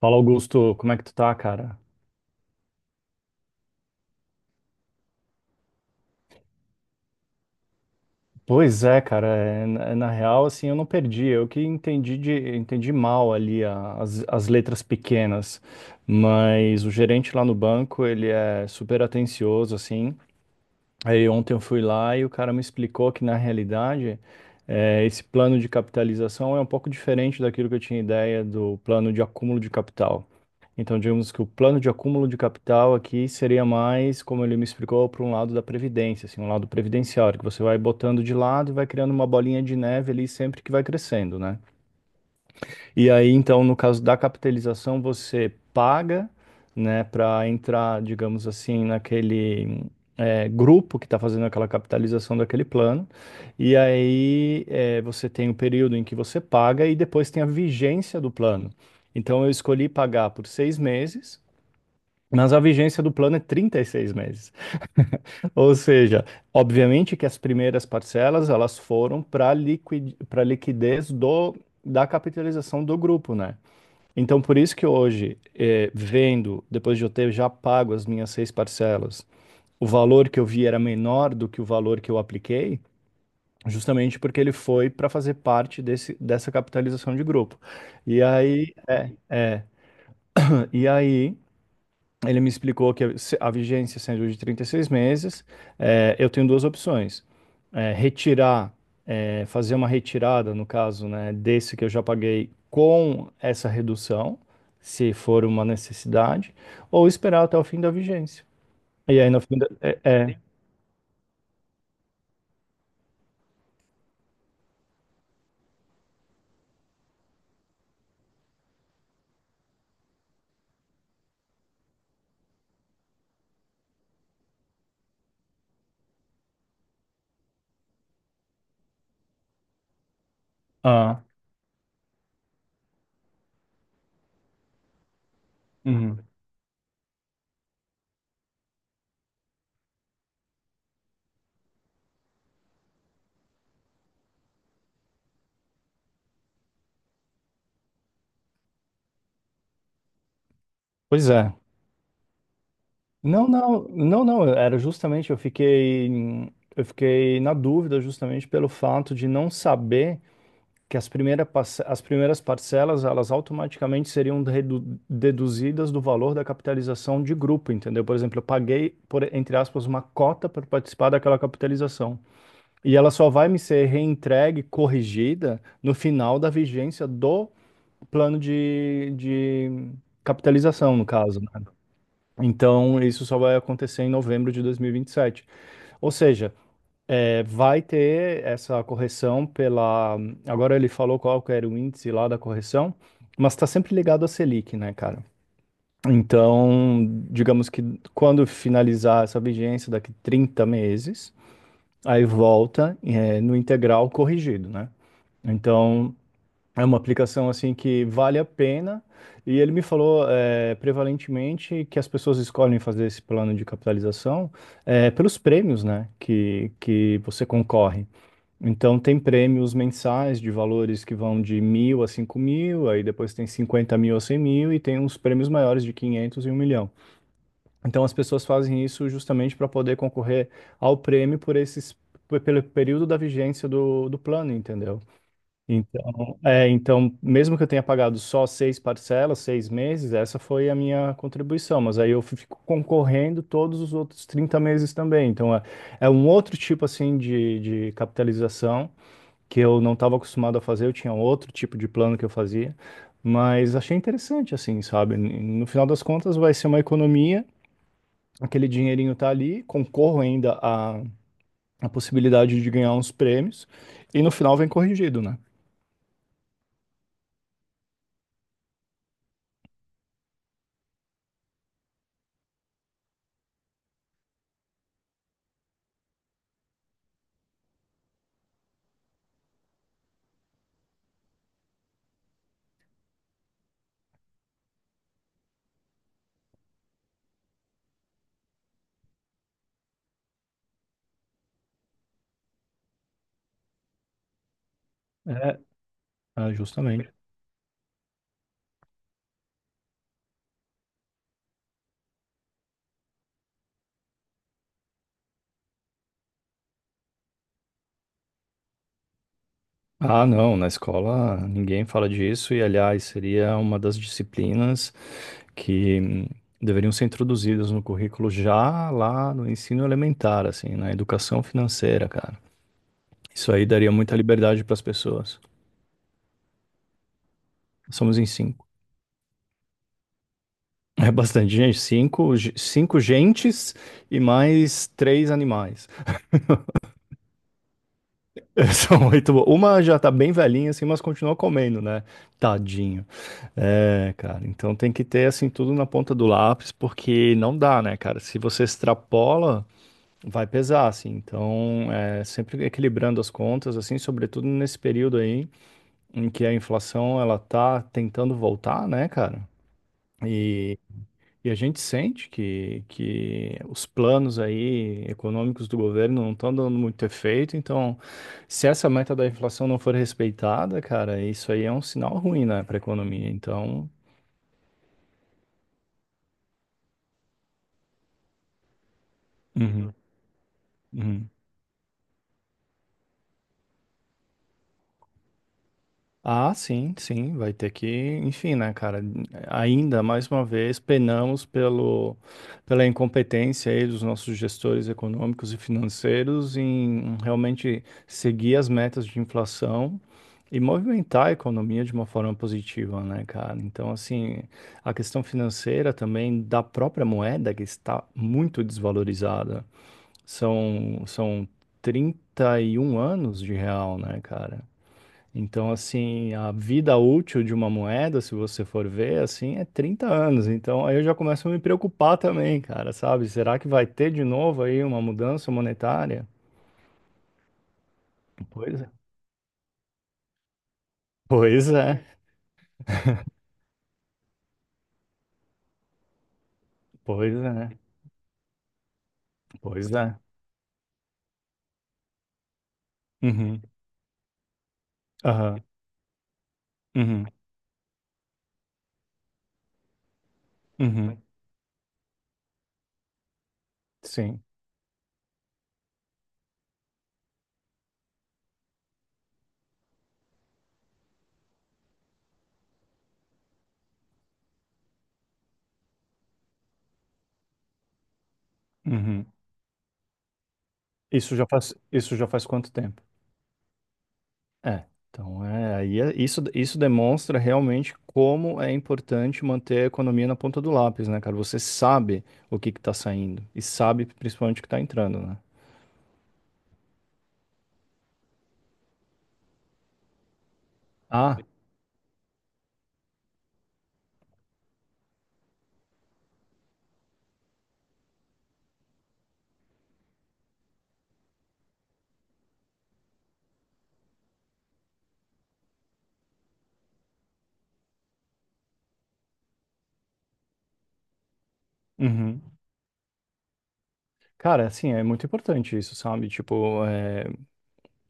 Fala, Augusto, como é que tu tá, cara? Pois é, cara, na real, assim, eu não perdi, eu que entendi, entendi mal ali as letras pequenas, mas o gerente lá no banco, ele é super atencioso, assim, aí ontem eu fui lá e o cara me explicou que, na realidade, esse plano de capitalização é um pouco diferente daquilo que eu tinha ideia do plano de acúmulo de capital. Então, digamos que o plano de acúmulo de capital aqui seria mais, como ele me explicou, para um lado da previdência, assim, um lado previdenciário, que você vai botando de lado e vai criando uma bolinha de neve ali sempre que vai crescendo, né? E aí, então, no caso da capitalização, você paga, né, para entrar, digamos assim, naquele grupo que está fazendo aquela capitalização daquele plano. E aí, você tem o período em que você paga e depois tem a vigência do plano. Então, eu escolhi pagar por seis meses. Mas a vigência do plano é 36 meses. Ou seja, obviamente que as primeiras parcelas elas foram para liquidez da capitalização do grupo, né? Então, por isso que hoje, vendo, depois de eu ter já pago as minhas seis parcelas, o valor que eu vi era menor do que o valor que eu apliquei, justamente porque ele foi para fazer parte dessa capitalização de grupo. E aí, é, e aí Ele me explicou que a vigência sendo de 36 meses, eu tenho duas opções. Eh, retirar, Fazer uma retirada, no caso, né, desse que eu já paguei com essa redução, se for uma necessidade, ou esperar até o fim da vigência. E aí, no fim da... É, é. Ah, uhum. Pois é. Não, não, não, não, era justamente, eu fiquei na dúvida justamente pelo fato de não saber que as primeiras parcelas elas automaticamente seriam deduzidas do valor da capitalização de grupo, entendeu? Por exemplo, entre aspas, uma cota para participar daquela capitalização. E ela só vai me ser reentregue, corrigida, no final da vigência do plano de capitalização, no caso, né? Então, isso só vai acontecer em novembro de 2027. Ou seja, vai ter essa correção pela. Agora ele falou qual que era o índice lá da correção, mas está sempre ligado à Selic, né, cara? Então, digamos que quando finalizar essa vigência, daqui 30 meses, aí volta, no integral corrigido, né? Então, é uma aplicação assim que vale a pena. E ele me falou, prevalentemente que as pessoas escolhem fazer esse plano de capitalização, pelos prêmios, né, que você concorre. Então, tem prêmios mensais de valores que vão de mil a cinco mil, aí depois tem 50 mil a 100 mil e tem uns prêmios maiores de 500 e um milhão. Então, as pessoas fazem isso justamente para poder concorrer ao prêmio por pelo período da vigência do plano, entendeu? Então, mesmo que eu tenha pagado só seis parcelas, seis meses, essa foi a minha contribuição, mas aí eu fico concorrendo todos os outros 30 meses também. Então, é um outro tipo, assim, de capitalização que eu não estava acostumado a fazer, eu tinha outro tipo de plano que eu fazia, mas achei interessante, assim, sabe? No final das contas, vai ser uma economia, aquele dinheirinho tá ali, concorro ainda a possibilidade de ganhar uns prêmios, e no final vem corrigido, né? É, ah, justamente. Ah, não, na escola ninguém fala disso, e aliás, seria uma das disciplinas que deveriam ser introduzidas no currículo já lá no ensino elementar, assim, na educação financeira, cara. Isso aí daria muita liberdade para as pessoas. Somos em cinco. É bastante gente, cinco gentes e mais três animais. São oito. Uma já tá bem velhinha, assim, mas continua comendo, né? Tadinho. É, cara, então tem que ter, assim, tudo na ponta do lápis, porque não dá, né, cara? Se você extrapola vai pesar, assim. Então, sempre equilibrando as contas, assim, sobretudo nesse período aí em que a inflação ela tá tentando voltar, né, cara? E, e a gente sente que os planos aí econômicos do governo não estão dando muito efeito. Então, se essa meta da inflação não for respeitada, cara, isso aí é um sinal ruim, né, para a economia. Então, uhum, uhum. Ah, sim, sim, enfim, né, cara, ainda mais uma vez penamos pelo, pela incompetência aí dos nossos gestores econômicos e financeiros em realmente seguir as metas de inflação e movimentar a economia de uma forma positiva, né, cara? Então, assim, a questão financeira também da própria moeda que está muito desvalorizada. São 31 anos de real, né, cara? Então, assim, a vida útil de uma moeda, se você for ver, assim, é 30 anos. Então, aí eu já começo a me preocupar também, cara, sabe? Será que vai ter de novo aí uma mudança monetária? Pois é. Pois é. Pois é. Pois é. Uhum. Aham. Uhum. Uhum. Sim. Uhum. Isso já faz quanto tempo? É, então é, isso, isso demonstra realmente como é importante manter a economia na ponta do lápis, né, cara? Você sabe o que que tá saindo e sabe principalmente o que tá entrando, né? Ah, uhum. Cara, assim, é muito importante isso, sabe? Tipo, é,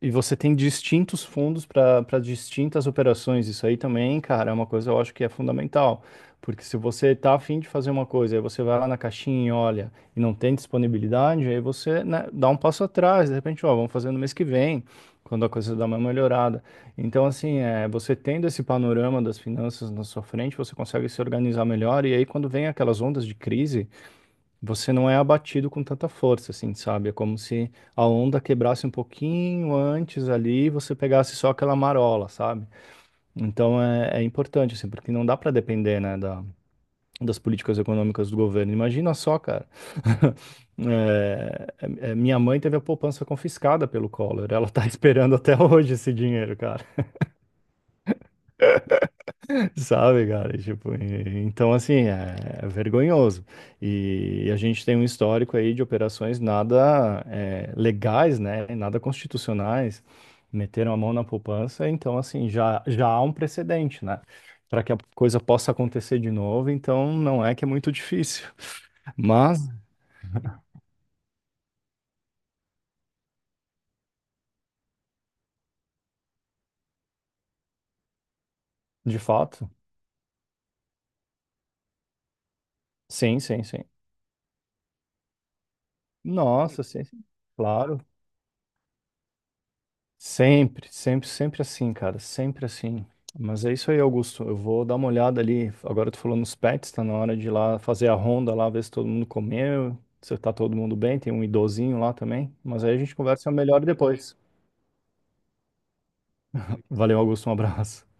e você tem distintos fundos para distintas operações. Isso aí também, cara, é uma coisa que eu acho que é fundamental. Porque se você tá afim de fazer uma coisa, aí você vai lá na caixinha e olha, e não tem disponibilidade, aí você, né, dá um passo atrás. De repente, ó, vamos fazer no mês que vem, quando a coisa dá uma melhorada. Então, assim, você tendo esse panorama das finanças na sua frente, você consegue se organizar melhor. E aí, quando vem aquelas ondas de crise, você não é abatido com tanta força, assim, sabe? É como se a onda quebrasse um pouquinho antes ali e você pegasse só aquela marola, sabe? Então é importante, assim, porque não dá para depender, né, das políticas econômicas do governo. Imagina só, cara. É, minha mãe teve a poupança confiscada pelo Collor. Ela tá esperando até hoje esse dinheiro, cara. Sabe, cara? Tipo, então assim, é vergonhoso. E, a gente tem um histórico aí de operações nada legais, né? Nada constitucionais. Meteram a mão na poupança, então assim, já há um precedente, né? Para que a coisa possa acontecer de novo, então não é que é muito difícil. Mas, de fato, sim, sim, sim. Nossa, sim, sim. Claro. Sempre, sempre, sempre assim, cara, sempre assim. Mas é isso aí, Augusto. Eu vou dar uma olhada ali. Agora tu falou nos pets, tá na hora de ir lá fazer a ronda lá, ver se todo mundo comeu, se tá todo mundo bem. Tem um idosinho lá também. Mas aí a gente conversa melhor depois. Valeu, Augusto, um abraço.